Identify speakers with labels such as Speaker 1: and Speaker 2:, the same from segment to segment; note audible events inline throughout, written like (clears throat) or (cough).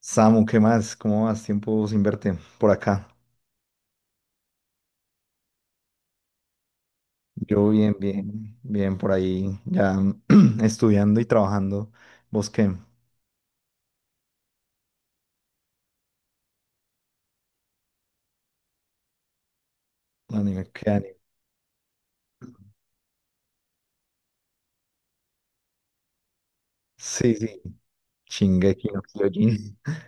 Speaker 1: Samu, ¿qué más? ¿Cómo vas? Tiempo sin verte por acá. Yo bien, bien, bien por ahí, ya (clears throat) estudiando y trabajando. ¿Vos qué? Anime, ¿qué anime? Sí, sí, Shingeki no Kyojin. (laughs)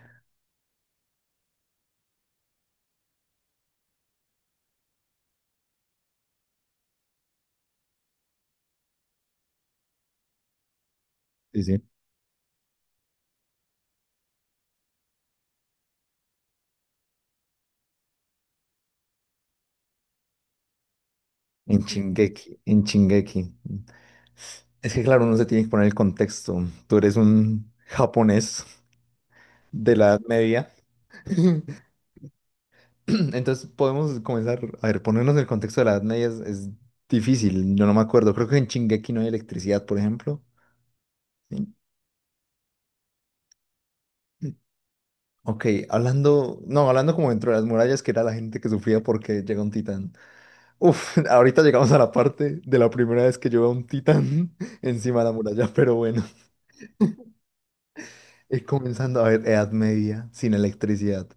Speaker 1: Sí, sí. En Shingeki, en Shingeki. Es que claro, uno se tiene que poner el contexto. Tú eres un japonés de la Edad Media. (clears throat) (laughs) Entonces podemos comenzar, a ver, ponernos el contexto de la Edad Media es difícil. Yo no me acuerdo, creo que en Shingeki no hay electricidad, por ejemplo. Sí. Mm. Ok, hablando, no, hablando como dentro de las murallas, que era la gente que sufría porque llega un titán. Uf, (laughs) ahorita llegamos a la parte de la primera vez que yo veo un titán (laughs) encima de la muralla, pero bueno, (laughs) comenzando a ver Edad Media sin electricidad.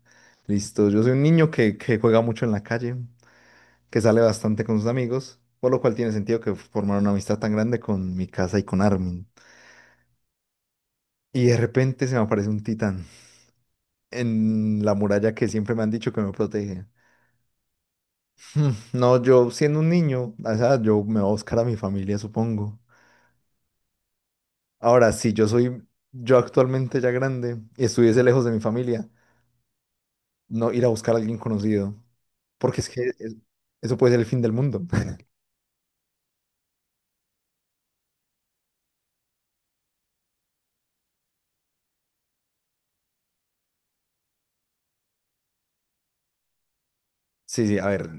Speaker 1: Listo, yo soy un niño que juega mucho en la calle, que sale bastante con sus amigos, por lo cual tiene sentido que formara una amistad tan grande con mi casa y con Armin. Y de repente se me aparece un titán en la muralla que siempre me han dicho que me protege. (laughs) Hmm. No, yo siendo un niño, o sea, yo me voy a buscar a mi familia, supongo. Ahora, si yo soy, yo actualmente ya grande y estuviese lejos de mi familia, no ir a buscar a alguien conocido, porque es que eso puede ser el fin del mundo. (laughs) Sí, sí, a ver,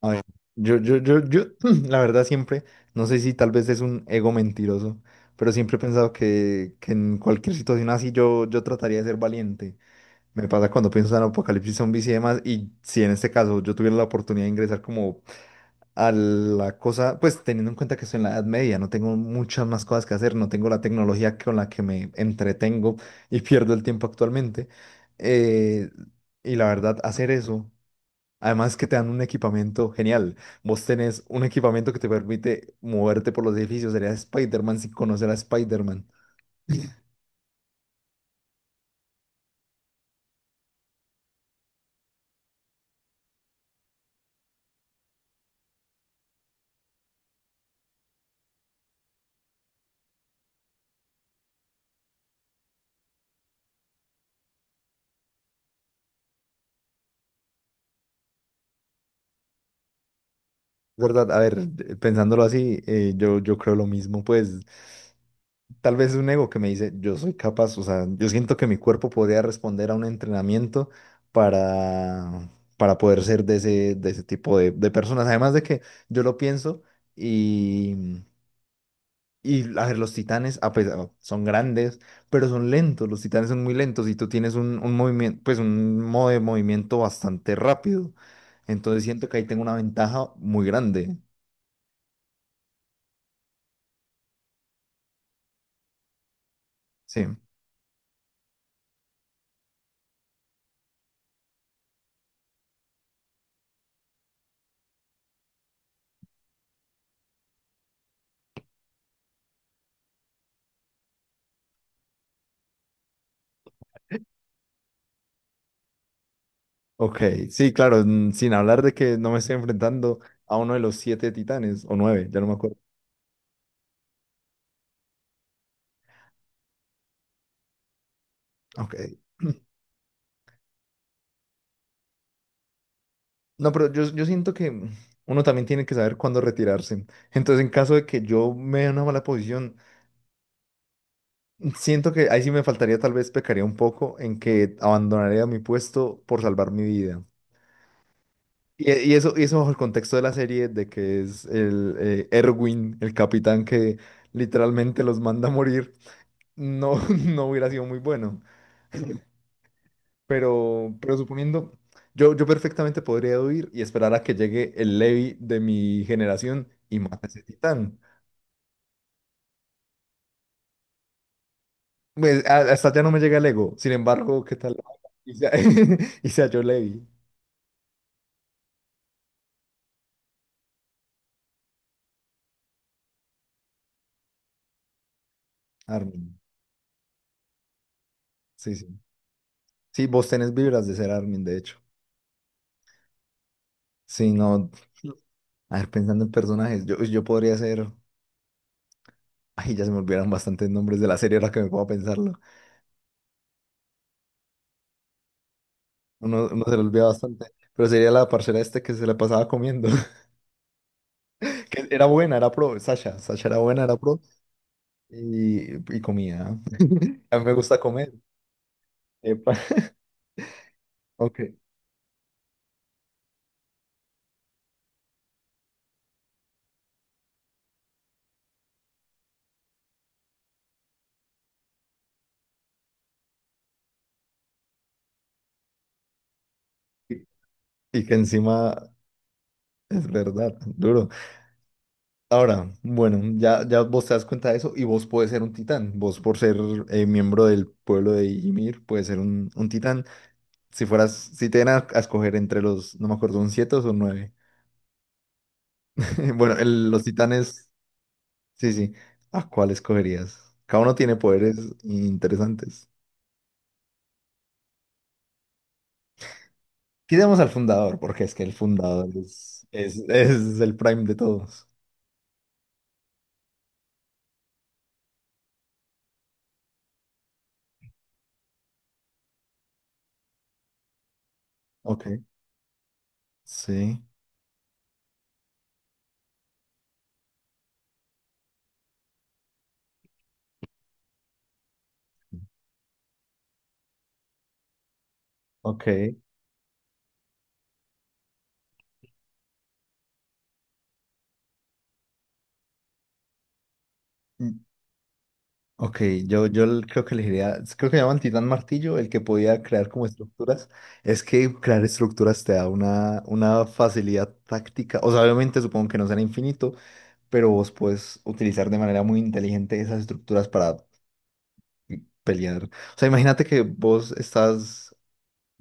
Speaker 1: a ver, yo, yo, yo, yo, (clears throat) la verdad siempre, no sé si tal vez es un ego mentiroso, pero siempre he pensado que en cualquier situación así yo trataría de ser valiente. Me pasa cuando pienso en apocalipsis zombies y demás, y si en este caso yo tuviera la oportunidad de ingresar como a la cosa, pues teniendo en cuenta que estoy en la Edad Media, no tengo muchas más cosas que hacer, no tengo la tecnología con la que me entretengo (laughs) y pierdo el tiempo actualmente. eh, y la verdad, hacer eso, además que te dan un equipamiento genial, vos tenés un equipamiento que te permite moverte por los edificios, sería Spider-Man sin conocer a Spider-Man. ¿Verdad? A ver, (laughs) pensándolo así, yo creo lo mismo, pues tal vez es un ego que me dice, yo soy capaz, o sea, yo siento que mi cuerpo podría responder a un entrenamiento para, para poder ser de ese tipo de personas. Además de que yo lo pienso y, y a ver, los titanes, a pesar, son grandes, pero son lentos, los titanes son muy lentos y tú tienes un movimiento, pues un modo de movimiento bastante rápido. Entonces siento que ahí tengo una ventaja muy grande. Sí. Ok, sí, claro, sin hablar de que no me estoy enfrentando a uno de los siete titanes, o nueve, ya no me acuerdo. Ok. No, pero yo siento que uno también tiene que saber cuándo retirarse. Entonces, en caso de que yo me dé una mala posición, siento que ahí sí me faltaría, tal vez pecaría un poco en que abandonaría mi puesto por salvar mi vida. Y eso bajo el contexto de la serie, de que es el Erwin, el capitán que literalmente los manda a morir, no, (laughs) no hubiera sido muy bueno. Pero suponiendo, yo perfectamente podría huir y esperar a que llegue el Levi de mi generación y mate a ese titán. Pues a- hasta ya no me llega el ego. Sin embargo, ¿qué tal? Y sea, (laughs) y sea yo Levi. Armin. Sí, sí. Sí, vos tenés vibras de ser Armin, de hecho. Sí, no. A ver, pensando en personajes, yo podría ser. Ay, ya se me olvidaron bastantes nombres de la serie ahora que me puedo pensarlo. Uno se lo olvida bastante. Pero sería la parcera este que se la pasaba comiendo. Que era buena, era pro, Sasha, Sasha era buena, era pro y comía. (laughs) A mí me gusta comer. Epa. (laughs) Ok. Y, y que encima es verdad, duro. Ahora, bueno, ya, ya vos te das cuenta de eso y vos puedes ser un titán. Vos por ser miembro del pueblo de Ymir, puedes ser un titán. Si fueras, si te dieran a escoger entre los, no me acuerdo, un siete o son nueve. (laughs) Bueno, los titanes, sí, sí. ¿A cuál escogerías? Cada uno tiene poderes interesantes. Quitemos al fundador, porque es que el fundador es el prime de todos. Ok, sí, ok. mm, Ok, creo que elegiría, creo que llaman Titán Martillo, el que podía crear como estructuras. Es que crear estructuras te da una facilidad táctica. O sea, obviamente supongo que no será infinito, pero vos puedes utilizar de manera muy inteligente esas estructuras para mm, pelear. O sea, imagínate que vos estás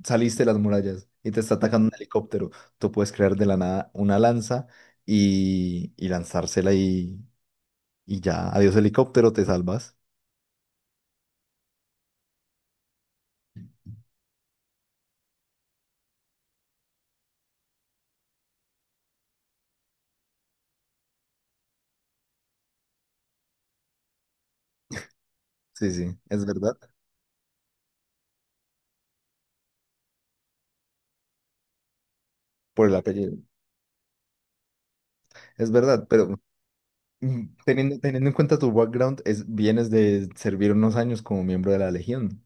Speaker 1: saliste de las murallas y te está atacando un helicóptero, tú puedes crear de la nada una lanza y lanzársela y ya, adiós helicóptero, te salvas. Sí, sí, es verdad, por el apellido. Es verdad, pero teniendo en cuenta tu background, es, vienes de servir unos años como miembro de la Legión.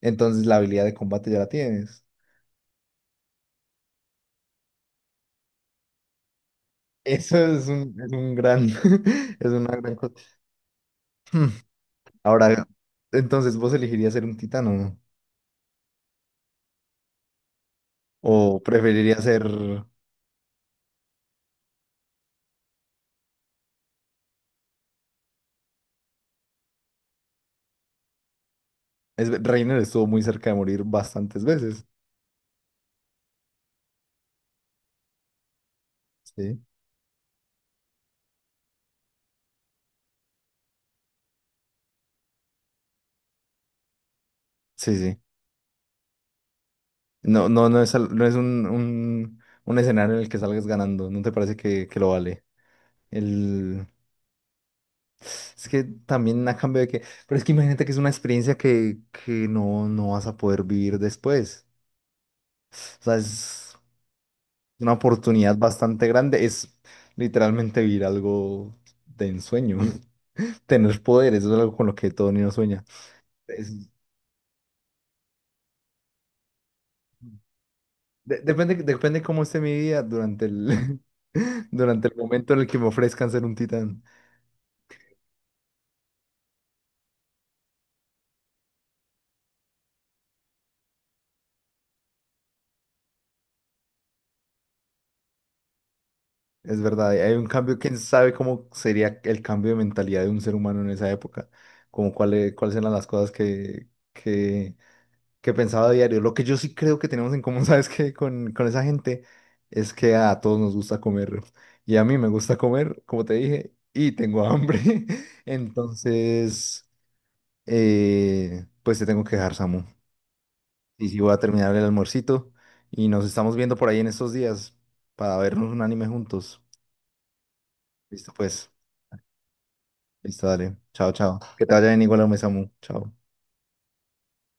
Speaker 1: Entonces la habilidad de combate ya la tienes. Eso es un gran, (laughs) es una gran cosa. Hmm, Ahora, entonces, ¿vos elegirías ser un titán o no? ¿O preferirías ser? Reiner estuvo muy cerca de morir bastantes veces. Sí, sí, sí. No, no, no es un, escenario en el que salgas ganando. ¿No te parece que lo vale? El... Es que también a cambio de que... Pero es que imagínate que es una experiencia que no, no vas a poder vivir después. O sea, es una oportunidad bastante grande. Es literalmente vivir algo de ensueño. (laughs) Tener poderes, eso es algo con lo que todo niño sueña. Es- depende, depende cómo esté mi vida durante el, (laughs) durante el momento en el que me ofrezcan ser un titán. Es verdad, hay un cambio, quién sabe cómo sería el cambio de mentalidad de un ser humano en esa época, como cuáles eran las cosas que pensaba a diario. Lo que yo sí creo que tenemos en común, (laughs) ¿sabes qué? Con esa gente es que a todos nos gusta comer y a mí me gusta comer, como te dije, y tengo hambre. (laughs) Entonces, pues te tengo que dejar, Samu. Sí, sí, voy a terminar el almuercito y nos estamos viendo por ahí en estos días para vernos un anime juntos. Listo, pues. Listo, dale. Chao, chao. Que te vaya bien igual a Samu. Chao.